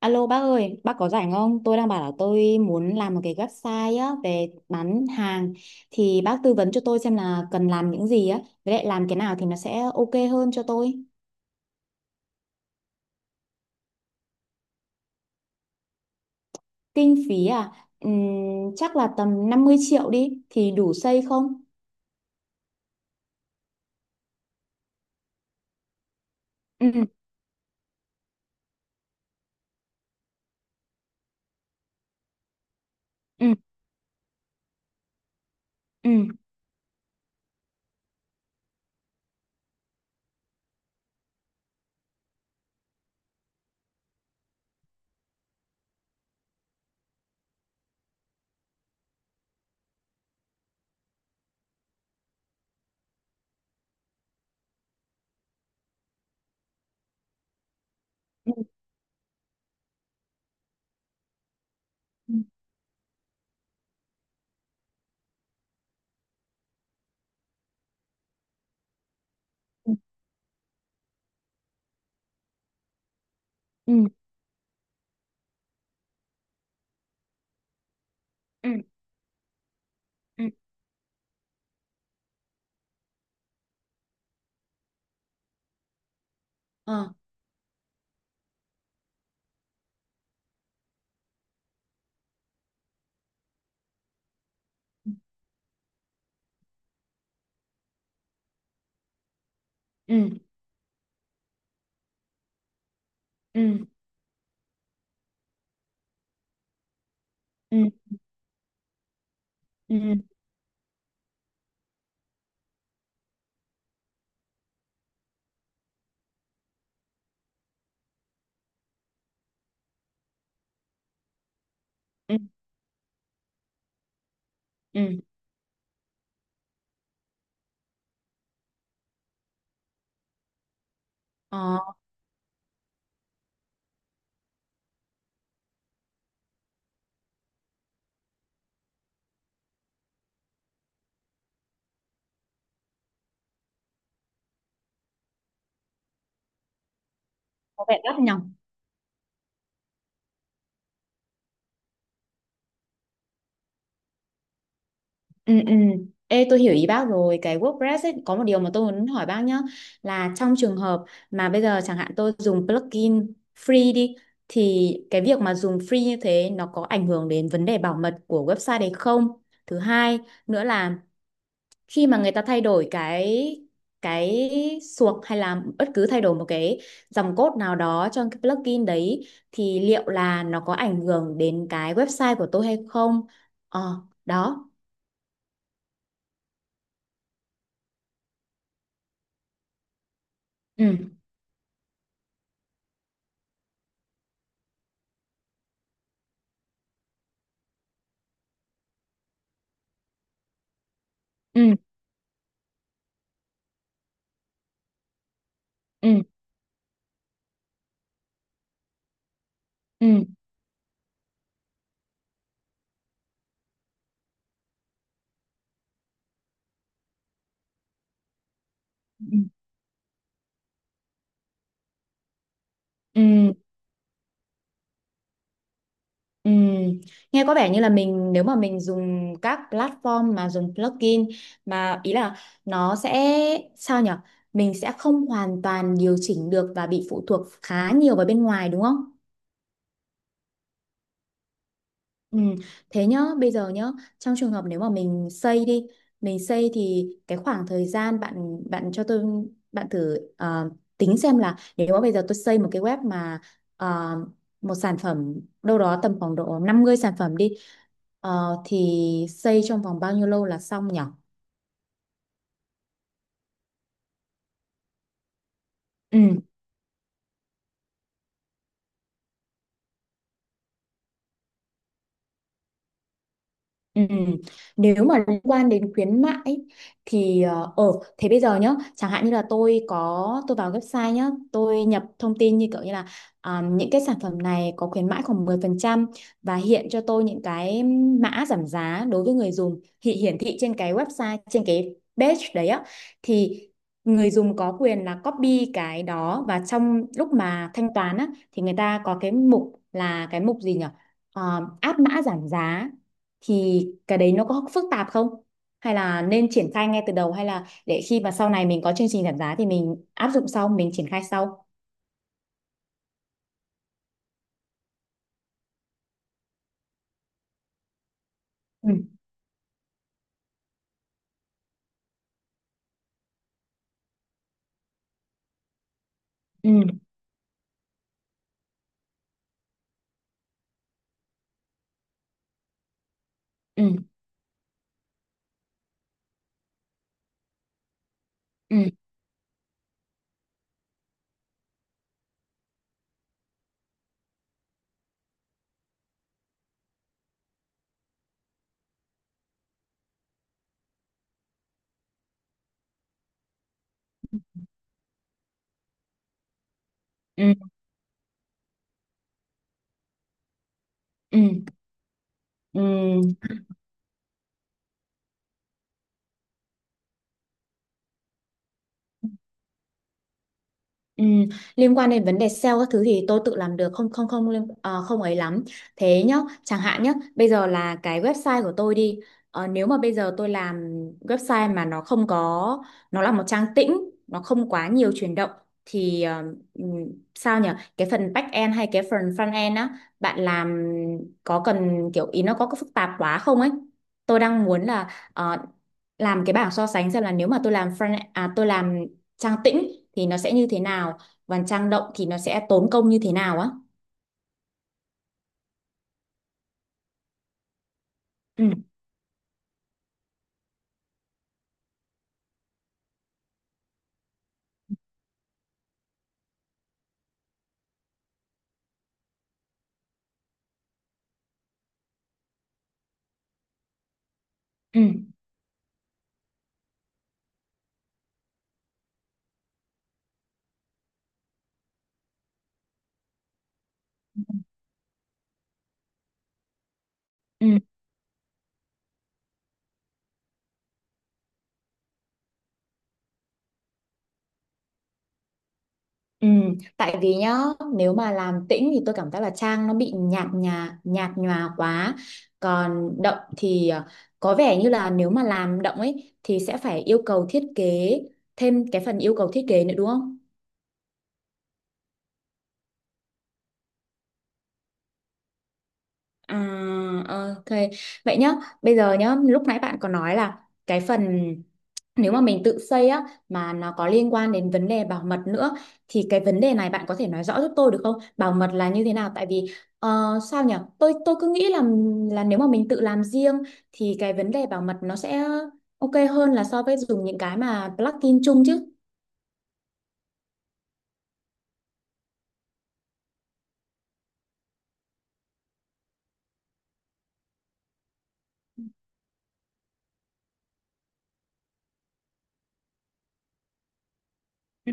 Alo bác ơi, bác có rảnh không? Tôi đang bảo là tôi muốn làm một cái website á về bán hàng thì bác tư vấn cho tôi xem là cần làm những gì á, với lại làm cái nào thì nó sẽ ok hơn cho tôi. Kinh phí à? Ừm, chắc là tầm 50 triệu đi thì đủ xây không? Ừ, ừ, ừ, ừ, ừ, ừ, ừ, ừ, ừ, ờ, ừ, ừ, ừ, ừ, ừ, ừ. Ừ. Ờ, có vẻ đắt nhỉ? Ừ, ừ. Ê, tôi hiểu ý bác rồi cái WordPress ấy, có một điều mà tôi muốn hỏi bác nhá là trong trường hợp mà bây giờ chẳng hạn tôi dùng plugin free đi thì cái việc mà dùng free như thế nó có ảnh hưởng đến vấn đề bảo mật của website đấy không? Thứ hai nữa là khi mà người ta thay đổi cái suộc hay là bất cứ thay đổi một cái dòng code nào đó trong cái plugin đấy thì liệu là nó có ảnh hưởng đến cái website của tôi hay không? Ờ, đó. Ừ. Ừ. Ừ, ừ, ừ, ừ, ừ. Nghe có vẻ như là mình nếu mà mình dùng các platform mà dùng plugin mà ý là nó sẽ sao nhở, mình sẽ không hoàn toàn điều chỉnh được và bị phụ thuộc khá nhiều vào bên ngoài, đúng không? Ừ. Thế nhá, bây giờ nhá, trong trường hợp nếu mà mình xây đi, mình xây thì cái khoảng thời gian bạn bạn cho tôi, bạn thử tính xem là nếu mà bây giờ tôi xây một cái web mà ờ, một sản phẩm đâu đó tầm khoảng độ 50 sản phẩm đi, thì xây trong vòng bao nhiêu lâu là xong nhỉ? Ừ. Ừ. Nếu mà liên quan đến khuyến mại ấy, thì thế bây giờ nhá chẳng hạn như là tôi có, tôi vào website nhá, tôi nhập thông tin như kiểu như là à, những cái sản phẩm này có khuyến mãi khoảng 10% và hiện cho tôi những cái mã giảm giá đối với người dùng thì hiển thị trên cái website, trên cái page đấy á, thì người dùng có quyền là copy cái đó, và trong lúc mà thanh toán á thì người ta có cái mục là cái mục gì nhỉ? Ờ, áp mã giảm giá, thì cái đấy nó có phức tạp không? Hay là nên triển khai ngay từ đầu, hay là để khi mà sau này mình có chương trình giảm giá thì mình áp dụng sau, mình triển khai sau? Ừ, ừ, ừ, ừ, ừ, ừ. Ừ. Ừ, liên quan đến vấn đề sale các thứ thì tôi tự làm được, không, không, không, không ấy lắm. Thế nhá, chẳng hạn nhá, bây giờ là cái website của tôi đi. Ờ, nếu mà bây giờ tôi làm website mà nó không có, nó là một trang tĩnh, nó không quá nhiều chuyển động, thì ừm, sao nhỉ, cái phần back end hay cái phần front end á bạn làm có cần kiểu ý nó có phức tạp quá không ấy. Tôi đang muốn là làm cái bảng so sánh xem là nếu mà tôi làm tôi làm trang tĩnh thì nó sẽ như thế nào, và trang động thì nó sẽ tốn công như thế nào á. Ừ, ừ, ừ. Ừ, tại vì nhá, nếu mà làm tĩnh thì tôi cảm giác là trang nó bị nhạt nhòa quá, còn động thì có vẻ như là nếu mà làm động ấy thì sẽ phải yêu cầu thiết kế, thêm cái phần yêu cầu thiết kế nữa, đúng không? À, ok. Vậy nhá, bây giờ nhá, lúc nãy bạn có nói là cái phần nếu mà mình tự xây á mà nó có liên quan đến vấn đề bảo mật nữa, thì cái vấn đề này bạn có thể nói rõ giúp tôi được không? Bảo mật là như thế nào? Tại vì sao nhỉ? Tôi cứ nghĩ là nếu mà mình tự làm riêng thì cái vấn đề bảo mật nó sẽ ok hơn là so với dùng những cái mà plugin chung chứ. Ừ.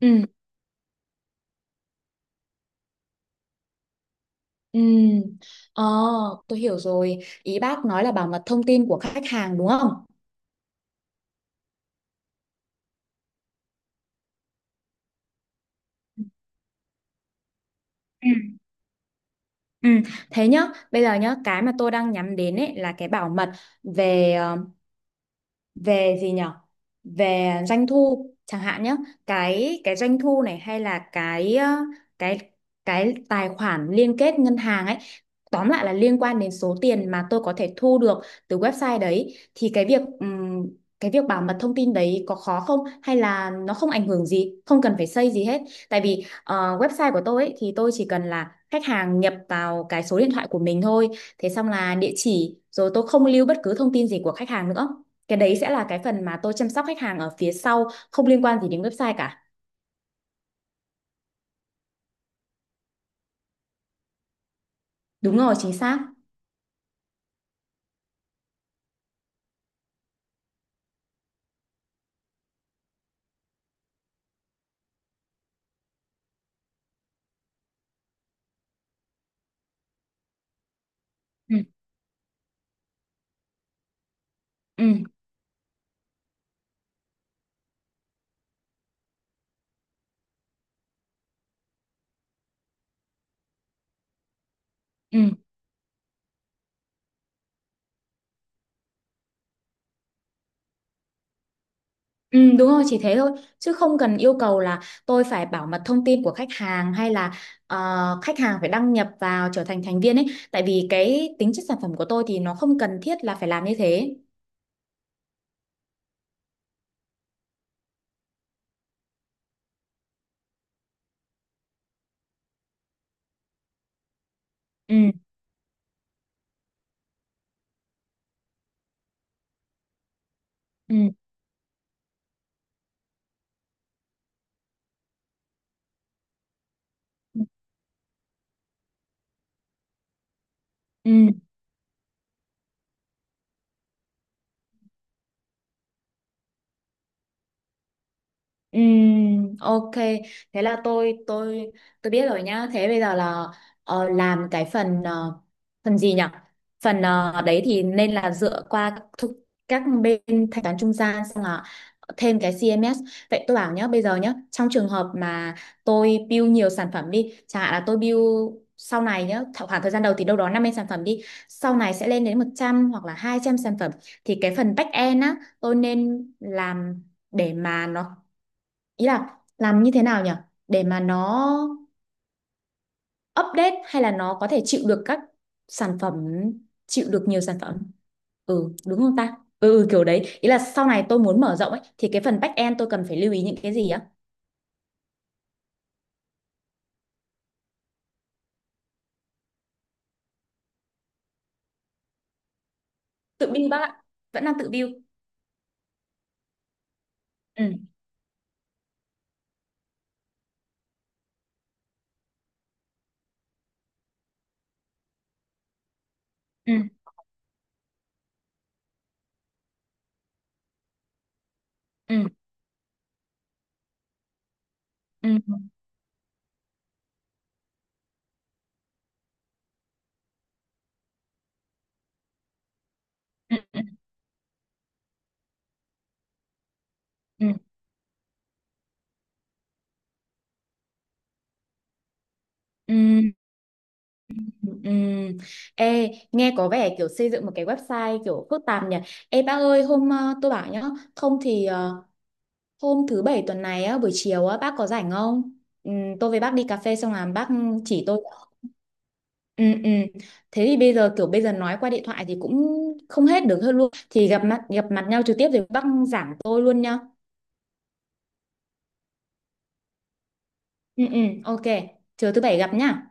Ừ. Ừ. Ờ, tôi hiểu rồi. Ý bác nói là bảo mật thông tin của khách hàng đúng không? Ừ. Ừ, thế nhá, bây giờ nhá, cái mà tôi đang nhắm đến ấy là cái bảo mật về ờ, về gì nhở, về doanh thu chẳng hạn nhé, cái doanh thu này hay là cái ờ, cái cái tài khoản liên kết ngân hàng ấy, tóm lại là liên quan đến số tiền mà tôi có thể thu được từ website đấy, thì cái việc bảo mật thông tin đấy có khó không, hay là nó không ảnh hưởng gì, không cần phải xây gì hết, tại vì website của tôi ấy, thì tôi chỉ cần là khách hàng nhập vào cái số điện thoại của mình thôi, thế xong là địa chỉ, rồi tôi không lưu bất cứ thông tin gì của khách hàng nữa, cái đấy sẽ là cái phần mà tôi chăm sóc khách hàng ở phía sau, không liên quan gì đến website cả. Đúng rồi, chính xác. Ừ, ừ, ừ, ừ, đúng rồi, chỉ thế thôi. Chứ không cần yêu cầu là tôi phải bảo mật thông tin của khách hàng, hay là khách hàng phải đăng nhập vào trở thành thành viên ấy. Tại vì cái tính chất sản phẩm của tôi thì nó không cần thiết là phải làm như thế. Ừ, ừ, ừ. Ừ. Ok, thế là tôi biết rồi nhá. Thế bây giờ là làm cái phần phần gì nhỉ, phần đấy thì nên là dựa qua các bên thanh toán trung gian, xong là thêm cái CMS. Vậy tôi bảo nhá, bây giờ nhá, trong trường hợp mà tôi build nhiều sản phẩm đi, chẳng hạn là tôi build sau này nhá, khoảng thời gian đầu thì đâu đó 50 sản phẩm đi, sau này sẽ lên đến 100 hoặc là 200 sản phẩm, thì cái phần back end á tôi nên làm để mà nó, ý là làm như thế nào nhỉ, để mà nó update, hay là nó có thể chịu được các sản phẩm, chịu được nhiều sản phẩm, ừ đúng không ta, ừ, ừ, kiểu đấy, ý là sau này tôi muốn mở rộng ấy thì cái phần back end tôi cần phải lưu ý những cái gì á. Tự build bác ạ, vẫn đang tự build. Ừ, ừ, ừ, ừ, ừ, ừ, ừ, ừ, ừ. Ê, nghe có vẻ kiểu xây dựng một cái website kiểu phức tạp nhỉ. Ê bác ơi, hôm tôi bảo nhá, không thì hôm thứ bảy tuần này á, buổi chiều á, bác có rảnh không? Ừ, tôi với bác đi cà phê xong là bác chỉ tôi. Ừ, ừ. Thế thì bây giờ kiểu bây giờ nói qua điện thoại thì cũng không hết được hơn luôn. Thì gặp mặt nhau trực tiếp rồi bác giảng tôi luôn nhá. Ừ, ừ, ok. Chờ thứ bảy gặp nhá.